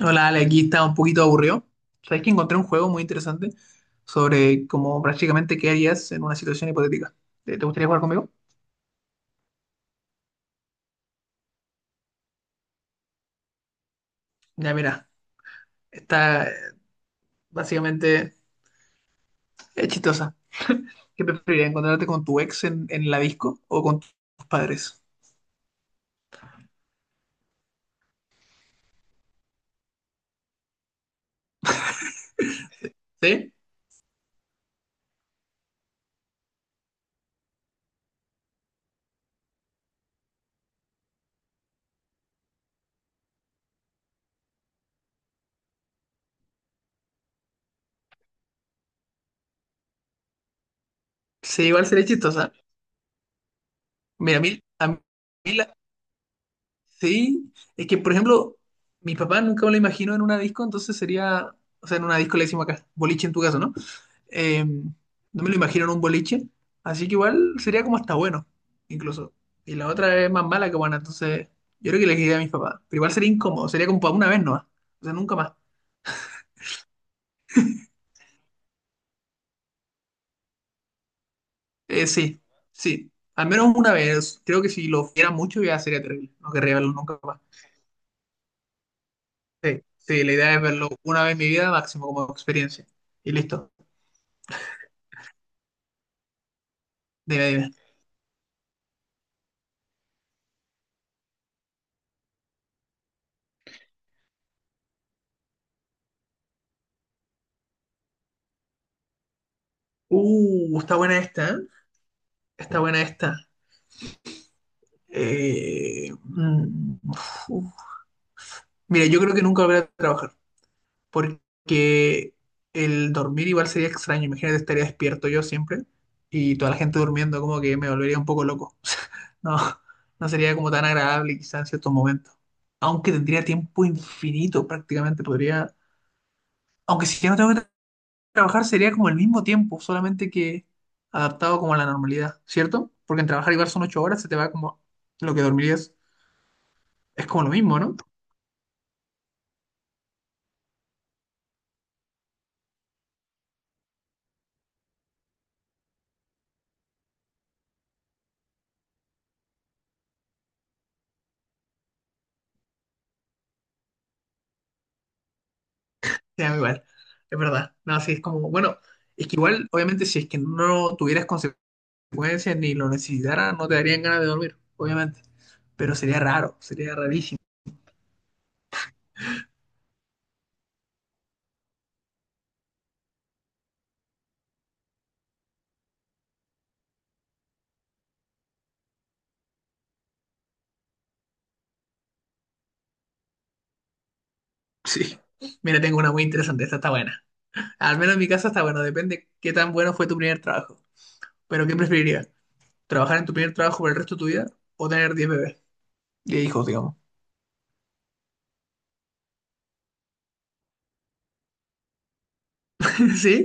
Hola, Ale, aquí estaba un poquito aburrido. Sabes que encontré un juego muy interesante sobre cómo prácticamente qué harías en una situación hipotética. ¿Te gustaría jugar conmigo? Ya, mira, está básicamente es chistosa. ¿Qué preferirías, encontrarte con tu ex en la disco o con tus padres? ¿Sí? Sí, igual sería chistosa. Mira, a mí la- sí, es que, por ejemplo, mi papá nunca me lo imagino en una disco, entonces sería, o sea, en una disco le decimos acá, boliche en tu caso, ¿no? No me lo imagino en un boliche, así que igual sería como hasta bueno, incluso. Y la otra es más mala que buena, entonces yo creo que le diría a mis papás, pero igual sería incómodo, sería como para una vez nomás, o sea, nunca más. Sí, sí, al menos una vez, creo que si lo viera mucho ya sería terrible, no querría verlo nunca más. Sí, sí, la idea es verlo una vez en mi vida máximo como experiencia. Y listo, dime, dime. Está buena esta, ¿eh? Está buena esta. Eh, mm, Uf. Mira, yo creo que nunca volveré a trabajar, porque el dormir igual sería extraño. Imagínate, estaría despierto yo siempre y toda la gente durmiendo, como que me volvería un poco loco. No, no sería como tan agradable quizás en ciertos momentos. Aunque tendría tiempo infinito prácticamente, podría... Aunque si ya no tengo que trabajar sería como el mismo tiempo, solamente que adaptado como a la normalidad, ¿cierto? Porque en trabajar igual son 8 horas, se te va como lo que dormirías. Es como lo mismo, ¿no? Sí, a igual, es verdad. No, sí, es como, bueno, es que igual, obviamente, si es que no tuvieras consecuencias ni lo necesitaras, no te darían ganas de dormir, obviamente. Pero sería raro, sería rarísimo. Sí. Mira, tengo una muy interesante, esta está buena. Al menos en mi casa está bueno, depende qué tan bueno fue tu primer trabajo. Pero ¿qué preferirías? ¿Trabajar en tu primer trabajo por el resto de tu vida o tener 10 bebés? 10 hijos, digamos. Sí,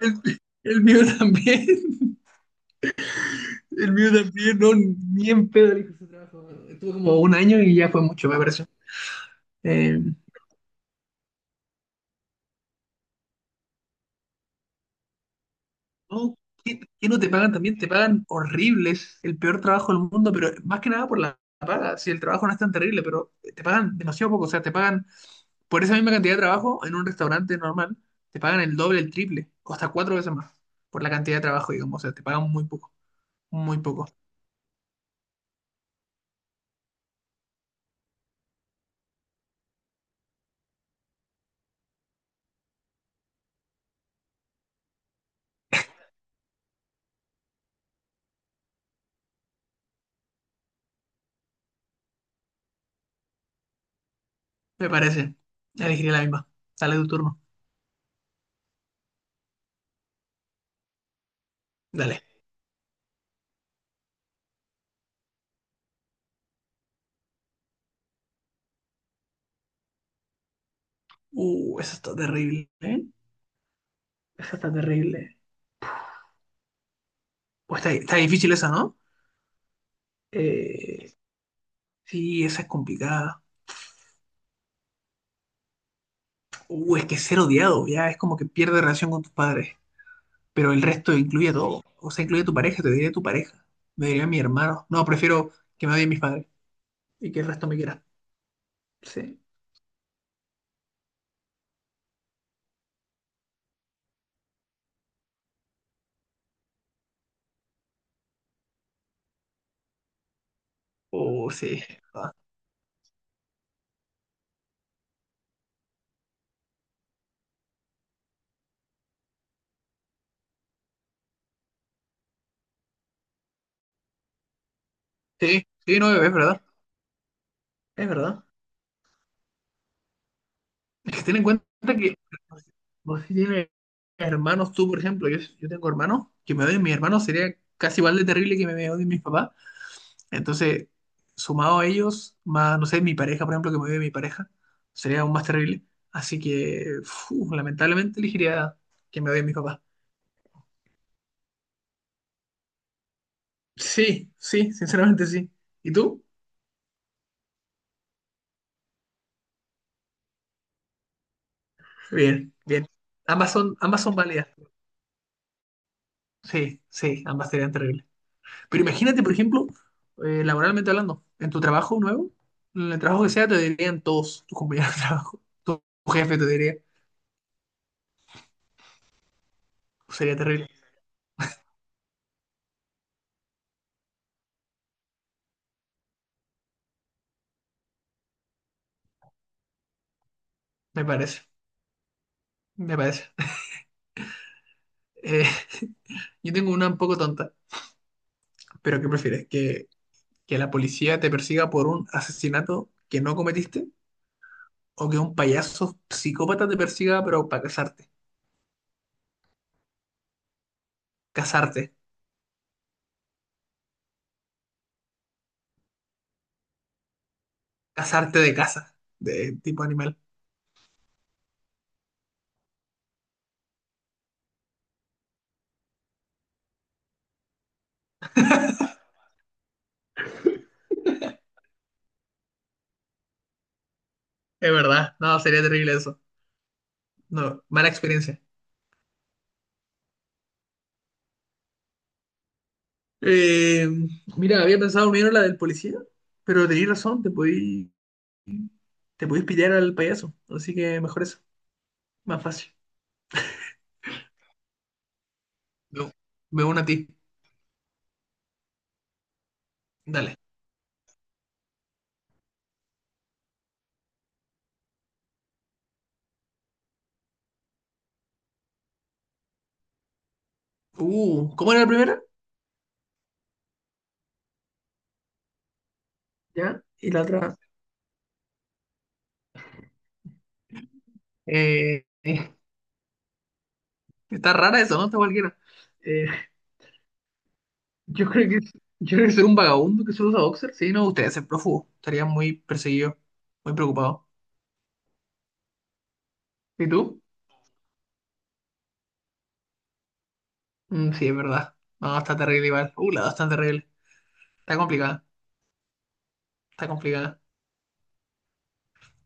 el, el mío también. El mío también, no, ni en pedo el hijo ese trabajo. Estuve como un año y ya fue mucho, me pareció. Eh, No, ¿qué no te pagan también? Te pagan horribles, el peor trabajo del mundo, pero más que nada por la paga. Si el trabajo no es tan terrible, pero te pagan demasiado poco. O sea, te pagan por esa misma cantidad de trabajo en un restaurante normal, te pagan el doble, el triple, o hasta 4 veces más por la cantidad de trabajo, digamos. O sea, te pagan muy poco, muy poco. Me parece. Elegiría la misma. Dale tu turno. Dale. Eso está terrible, ¿eh? Esa está terrible. Pues está difícil esa, ¿no? Eh, sí, esa es complicada. Es que ser odiado, ya es como que pierde relación con tus padres. Pero el resto incluye a todo. O sea, incluye a tu pareja, te diría tu pareja. Me diría mi hermano. No, prefiero que me odien mis padres y que el resto me quiera. Sí. Oh, sí. Ah, sí, sí, no, es verdad. Es verdad. Es que ten en cuenta que vos si tienes hermanos, tú, por ejemplo, yo tengo hermanos, que me odien mis hermanos sería casi igual de terrible que me odien mis papás. Entonces, sumado a ellos, más, no sé, mi pareja, por ejemplo, que me vive mi pareja, sería aún más terrible. Así que, fu, lamentablemente, elegiría que me odien mis papás. Sí, sí, sinceramente sí. ¿Y tú? Bien, bien. Ambas son válidas. Sí, sí, ambas serían terribles. Pero imagínate, por ejemplo, laboralmente hablando, en tu trabajo nuevo, en el trabajo que sea, te dirían todos tus compañeros de trabajo, tu jefe te diría, sería terrible, me parece, me parece. Eh, yo tengo una un poco tonta. ¿Pero qué prefieres? ¿Que la policía te persiga por un asesinato que no cometiste? ¿O que un payaso psicópata te persiga pero para casarte? Casarte. Casarte de casa. De tipo animal. Es verdad. No, sería terrible eso. No, mala experiencia. Eh, Mira, había pensado primero la del policía, pero tenías razón, te podís pillar al payaso. Así que mejor eso. Más fácil. Me, me uno a ti. Dale. ¿Cómo era la primera? ¿Ya? Y la otra. Eh, Está rara eso, ¿no? Está cualquiera. Eh, yo creo que, yo creo que ser un vagabundo que solo usa boxer, sí, no me gustaría ser prófugo. Estaría muy perseguido, muy preocupado. ¿Y tú? Sí, es verdad. No, está terrible igual. La dos está terrible. Está complicada, está complicada.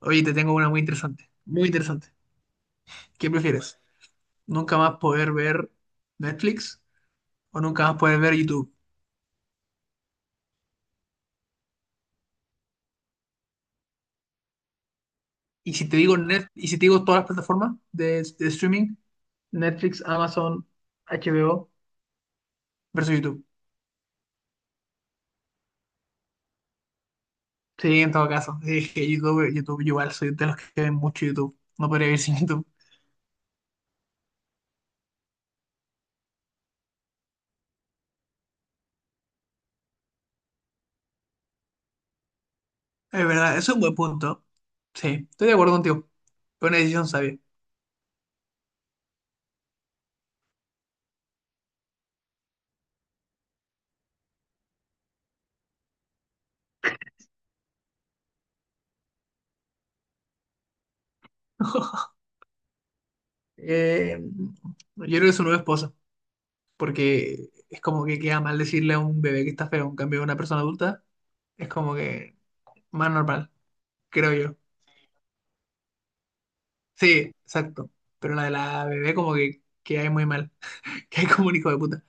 Oye, te tengo una muy interesante, muy interesante. ¿Qué prefieres? ¿Nunca más poder ver Netflix o nunca más poder ver YouTube? Y si te digo y si te digo todas las plataformas de streaming, Netflix, Amazon, HBO versus YouTube. Sí, en todo caso. Sí, es que YouTube, yo igual soy de los que ven mucho YouTube. No podría vivir sin YouTube. Es verdad, eso es un buen punto. Sí, estoy de acuerdo contigo. Fue una decisión sabia. Eh, yo creo que su nueva esposa, porque es como que queda mal decirle a un bebé que está feo, en cambio a una persona adulta es como que más normal, creo yo. Sí, exacto. Pero la de la bebé como que, hay muy mal, que hay como un hijo de puta,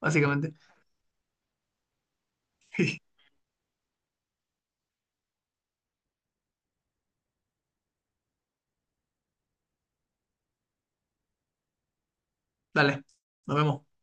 básicamente. Dale, nos vemos.